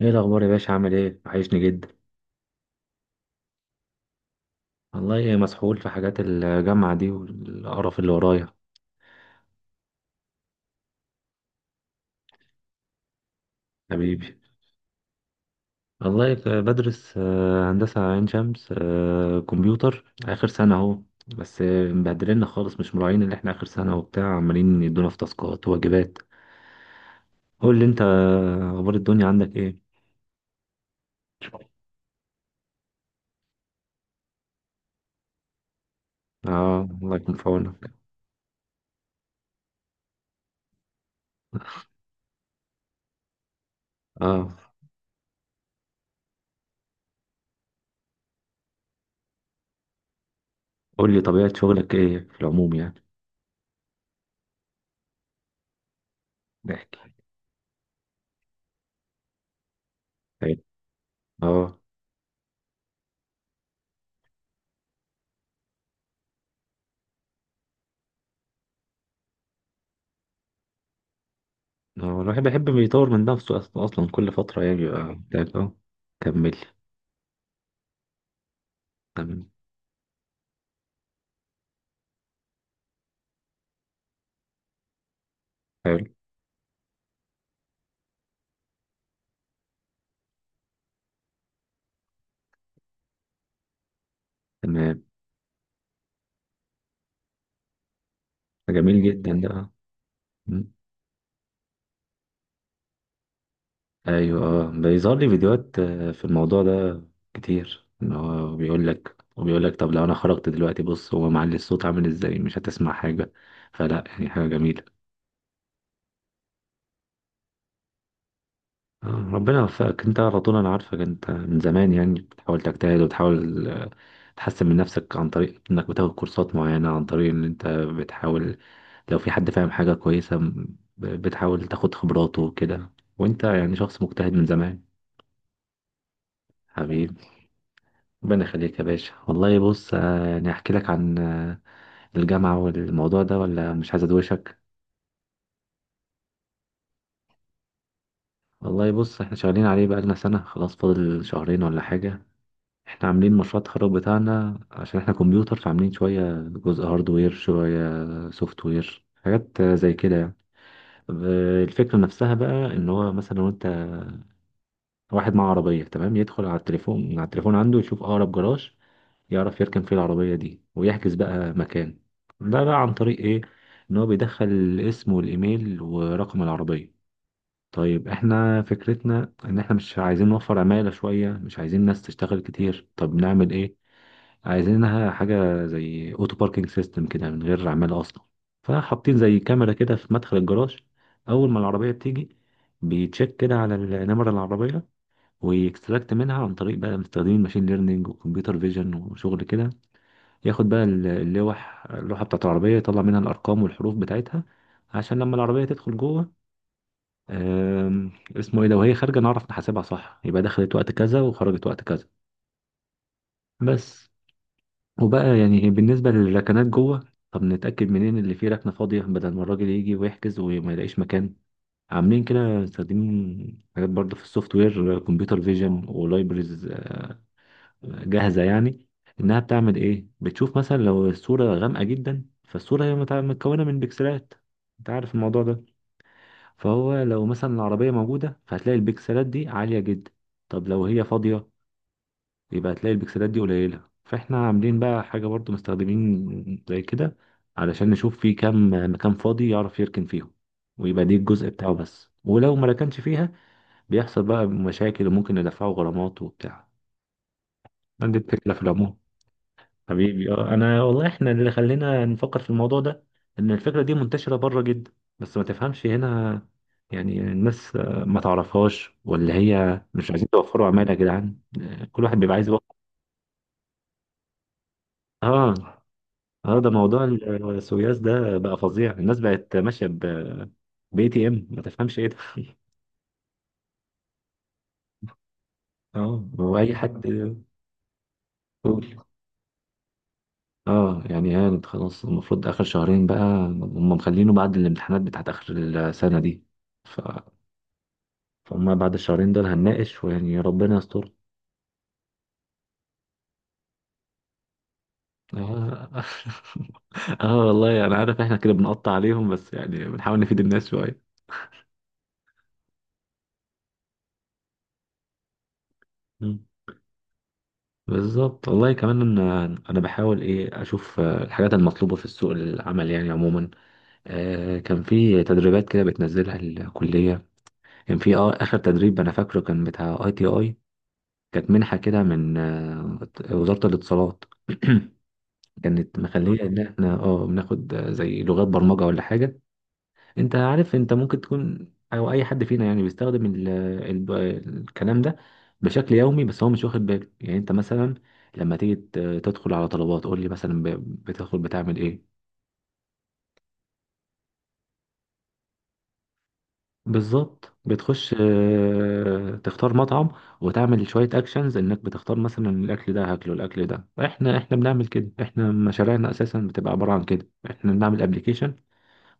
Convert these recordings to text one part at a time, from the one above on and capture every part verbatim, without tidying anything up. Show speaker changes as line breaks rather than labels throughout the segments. ايه الاخبار يا باشا؟ عامل ايه؟ وحشني جدا. والله مسحول في حاجات الجامعه دي والقرف اللي ورايا. حبيبي. والله ك- بدرس آه، هندسه عين شمس، آه، كمبيوتر اخر سنه اهو. بس آه، مبهدلنا خالص، مش مراعين اللي احنا اخر سنه وبتاع، عمالين يدونا في تاسكات وواجبات. قول لي انت، آه، اخبار الدنيا عندك ايه؟ اه الله يكون في عونك. اه قول لي طبيعه شغلك ايه في العموم يعني. احكي. طيب. اه هو الواحد بيحب يطور من نفسه، أصلا أصلا كل فترة يعني بيبقى بتاعت أه. كمل. تمام. حلو. تمام. جميل جدا ده، آه. م. أيوه أه، بيظهر لي فيديوهات آه، في الموضوع ده كتير، إن هو بيقول لك وبيقول لك طب لو أنا خرجت دلوقتي بص هو معلي الصوت عامل إزاي، مش هتسمع حاجة. فلا يعني حاجة جميلة. آه، ربنا يوفقك. انت على طول انا عارفك انت من زمان يعني بتحاول تجتهد وتحاول، آه، تحسن من نفسك عن طريق انك بتاخد كورسات معينة، عن طريق ان انت بتحاول لو في حد فاهم حاجة كويسة م- بتحاول تاخد خبراته وكده. وانت يعني شخص مجتهد من زمان. حبيبي. ربنا يخليك يا باشا. والله بص، آه، يعني احكي لك عن آه، الجامعة والموضوع ده ولا مش عايز ادوشك؟ والله بص، احنا شغالين عليه بقالنا سنة، خلاص فاضل شهرين ولا حاجة. احنا عاملين مشروع التخرج بتاعنا عشان احنا كمبيوتر، فعاملين شوية جزء هاردوير شوية سوفت وير، حاجات زي كده يعني. آه، الفكرة نفسها بقى ان هو مثلا لو انت واحد معاه عربية، تمام، يدخل على التليفون، من على التليفون عنده يشوف اقرب جراج يعرف يركن فيه العربية دي ويحجز بقى مكان. ده بقى عن طريق ايه؟ ان هو بيدخل الاسم والايميل ورقم العربية. طيب احنا فكرتنا ان احنا مش عايزين نوفر عمالة شوية، مش عايزين ناس تشتغل كتير، طب نعمل ايه؟ عايزينها حاجة زي اوتو باركينج سيستم كده من غير عمالة اصلا. فحاطين زي كاميرا كده في مدخل الجراج، اول ما العربية بتيجي بيتشيك كده على النمرة العربية ويكستراكت منها، عن طريق بقى مستخدمين ماشين ليرنينج وكمبيوتر فيجن وشغل كده. ياخد بقى ال- اللوح اللوحة بتاعت العربية، يطلع منها الأرقام والحروف بتاعتها عشان لما العربية تدخل جوه، آم، اسمه ايه ده، وهي خارجة نعرف نحاسبها صح، يبقى دخلت وقت كذا وخرجت وقت كذا. بس. وبقى يعني بالنسبة للركنات جوه، طب نتأكد منين اللي فيه ركنة فاضية بدل ما الراجل يجي ويحجز وما يلاقيش مكان. عاملين كده مستخدمين حاجات برضه في السوفت وير، كمبيوتر فيجن ولايبرز جاهزة يعني. إنها بتعمل إيه؟ بتشوف مثلا لو الصورة غامقة جدا، فالصورة هي متع- متكونة من بكسلات. أنت عارف الموضوع ده. فهو لو مثلا العربية موجودة فهتلاقي البكسلات دي عالية جدا. طب لو هي فاضية، يبقى هتلاقي البكسلات دي قليلة. فاحنا عاملين بقى حاجة برضو مستخدمين زي كده علشان نشوف في كام مكان فاضي يعرف يركن فيهم. ويبقى دي الجزء بتاعه بس، ولو ما ركنش فيها بيحصل بقى مشاكل وممكن ندفعه غرامات وبتاع. عندي الفكرة في العموم. حبيبي اه. انا والله احنا اللي خلينا نفكر في الموضوع ده ان الفكرة دي منتشرة بره جدا، بس ما تفهمش هنا. يعني الناس آه، ما تعرفهاش، ولا هي مش عايزين توفروا عمالة يا جدعان، آه، كل واحد بيبقى عايز يوفر. اه. اه ده موضوع السوياس ده بقى فظيع. الناس بقت ماشيه ب باي تي ام، ما تفهمش ايه ده اه هو اي حد يقول. اه يعني هانت خلاص، المفروض اخر شهرين بقى هم مخلينه بعد الامتحانات بتاعت اخر السنه دي. ف... فهم بعد الشهرين دول هنناقش، ويعني ربنا يستر. اه اه والله انا عارف احنا كده بنقطع عليهم بس يعني بنحاول نفيد الناس شويه. بالظبط والله. كمان ان انا بحاول ايه، اشوف آه، الحاجات المطلوبه في السوق العمل يعني عموما. آه كان في تدريبات كده بتنزلها الكليه، كان في آه اخر تدريب انا فاكره كان بتاع اي تي اي. كانت منحه كده من آه وزاره الاتصالات. كانت مخليه ان احنا اه بناخد، آه، زي لغات برمجه ولا حاجه. انت عارف انت ممكن تكون او اي حد فينا يعني بيستخدم ال ال الكلام ده بشكل يومي، بس هو مش واخد باله. يعني انت مثلا لما تيجي ت- تدخل على طلبات، قول لي مثلا ب- بتدخل بتعمل ايه؟ بالظبط، بتخش اه، تختار مطعم وتعمل شوية اكشنز، انك بتختار مثلا الاكل ده، هاكله الاكل ده. احنا احنا بنعمل كده، احنا مشاريعنا اساسا بتبقى عبارة عن كده. احنا بنعمل ابلكيشن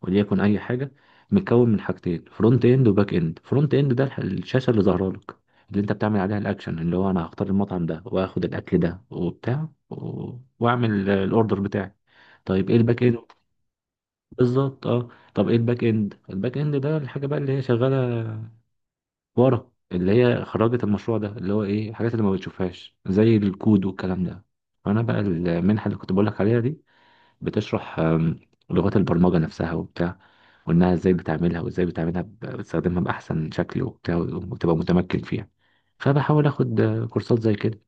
وليكن اي حاجه، متكون من حاجتين، فرونت اند وباك اند. فرونت اند ده الح- الشاشه اللي ظاهره لك، اللي انت بتعمل عليها الاكشن، اللي هو انا هختار المطعم ده واخد الاكل ده وبتاع و- واعمل الاوردر بتاعي. طيب ايه الباك اند؟ بالظبط اه. طب ايه الباك اند؟ الباك اند ده الحاجه بقى اللي هي شغاله ورا، اللي هي خرجت المشروع ده، اللي هو ايه الحاجات اللي ما بتشوفهاش زي الكود والكلام ده. فانا بقى المنحه اللي كنت بقول لك عليها دي بتشرح آم، لغات البرمجة نفسها وبتاع، وإنها إزاي بتعملها، وإزاي بتعملها ب- بتستخدمها بأحسن شكل وبتاع وتبقى متمكن فيها. فبحاول آخد آه، كورسات زي كده.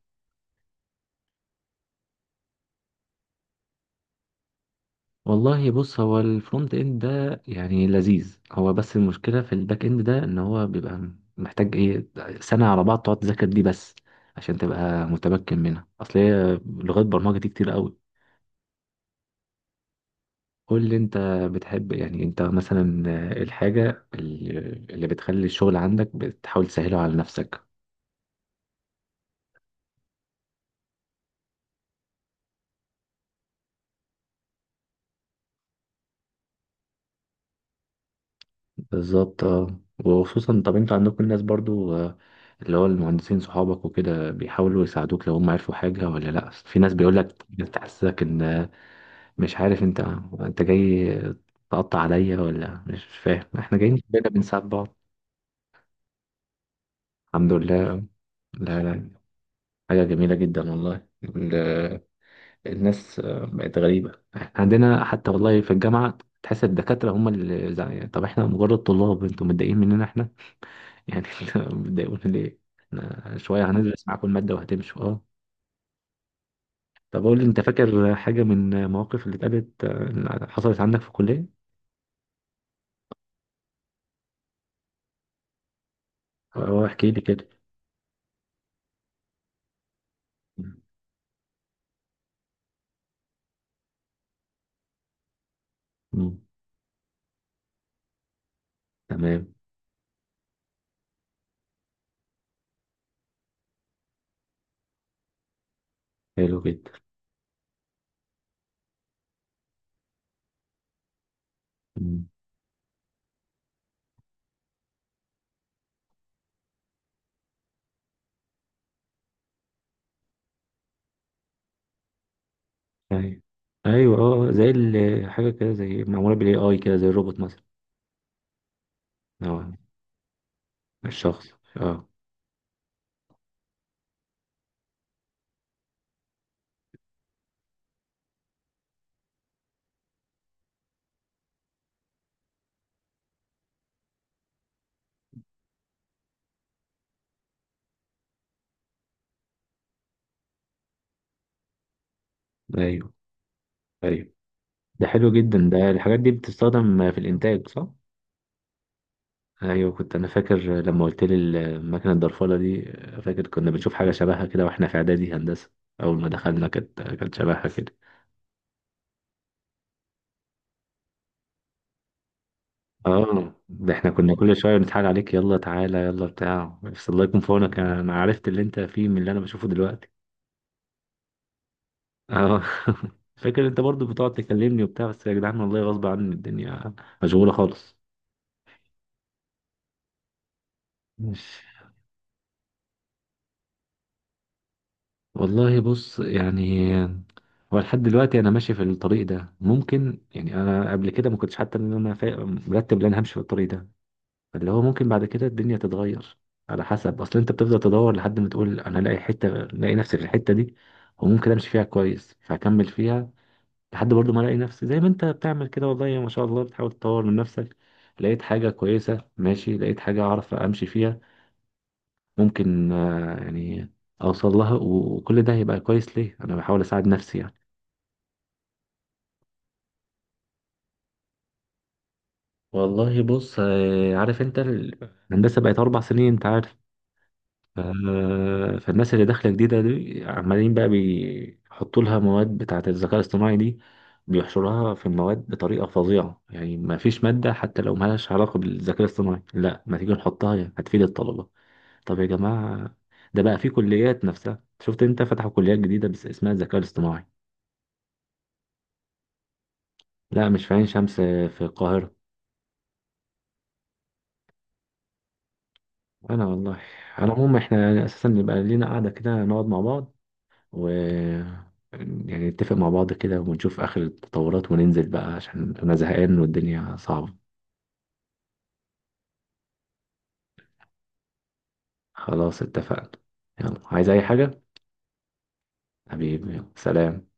والله بص، هو الفرونت إند ده يعني لذيذ هو، بس المشكلة في الباك إند ده إن هو بيبقى محتاج إيه، سنة على بعض تقعد تذاكر دي بس عشان تبقى متمكن منها، أصل هي لغات برمجة دي كتير قوي. قول لي انت، بتحب يعني انت مثلا الحاجة اللي اللي بتخلي الشغل عندك بتحاول تسهله على نفسك؟ بالظبط اه. وخصوصا طب انتوا عندكم الناس برضو، آه، اللي هو المهندسين صحابك وكده بيحاولوا يساعدوك، لو هم عرفوا حاجة ولا لا؟ في ناس بيقولك بتحسسك ان آه، مش عارف، انت انت جاي تقطع عليا ولا مش فاهم احنا جايين بينا بنساعد بعض. الحمد لله. لا لا، حاجة جميلة جدا والله. الناس آه، بقت غريبة، احنا عندنا حتى والله في الجامعة تحس الدكاترة هم اللي زعلانين. طب احنا مجرد طلاب، انتوا متضايقين مننا احنا يعني انتوا متضايقون ليه؟ احنا شوية هندرس معاكم المادة وهتمشوا اه. طب اقول لي انت، فاكر حاجة من المواقف اللي اتقالت، آه، اللي حصلت عندك في الكلية؟ اه احكي لي كده. مم. تمام. حلو جدا. مم. أيوة. أيوة أه، آه، زي ال- حاجة كده زي معمولة بال إيه آي كده، زي الروبوت مثلا. أه الشخص. أه. أيوه. أيوه ده حلو جدا، ده الحاجات دي بتستخدم في الانتاج صح. ايوه كنت انا فاكر لما قلت لي المكنه الضرفله دي، فاكر كنا بنشوف حاجه شبهها كده واحنا في اعدادي هندسه. اول ما دخلنا كانت كانت شبهها كده. اه ده احنا كنا كل شويه بنتحايل عليك يلا تعالى يلا بتاع، بس الله يكون في عونك، انا عرفت اللي انت فيه من اللي انا بشوفه دلوقتي. اه فاكر انت برضو بتقعد تكلمني وبتاع، بس يا جدعان والله غصب عني، الدنيا مشغوله خالص. ماشي. والله بص يعني هو لحد دلوقتي انا ماشي في الطريق ده، ممكن يعني انا قبل كده ما كنتش حتى ان انا فا- مرتب ان انا همشي في الطريق ده، فاللي هو ممكن بعد كده الدنيا تتغير على حسب. اصل انت بتفضل تدور لحد ما تقول انا الاقي حته، الاقي نفسي في الحته دي وممكن امشي فيها كويس فهكمل فيها، لحد برضو ما الاقي نفسي. زي ما انت بتعمل كده والله ما شاء الله بتحاول تطور من نفسك، لقيت حاجه كويسه ماشي، لقيت حاجه اعرف امشي فيها. ممكن آه، يعني اوصل لها، و- وكل ده هيبقى كويس، ليه انا بحاول اساعد نفسي يعني. والله بص آه، عارف انت ال- الهندسه بقت أربع سنين انت عارف، ف- فالناس اللي داخله جديده دي عمالين بقى بيحطوا لها مواد بتاعه الذكاء الاصطناعي دي، بيحشرها في المواد بطريقه فظيعه يعني. ما فيش ماده حتى لو مالهاش علاقه بالذكاء الاصطناعي لا ما تيجي نحطها يعني هتفيد الطلبه. طب يا جماعه، ده بقى في كليات نفسها، شفت انت فتحوا كليات جديده بس اسمها الذكاء الاصطناعي. لا مش في عين شمس، في القاهرة. أنا والله. على العموم إحنا يعني أساسا نبقى لينا قعدة كده نقعد مع بعض و يعني نتفق مع بعض كده ونشوف آخر التطورات، وننزل بقى عشان أنا زهقان والدنيا صعبة. خلاص اتفقنا. يلا عايز أي حاجة؟ حبيبي. يلا. سلام.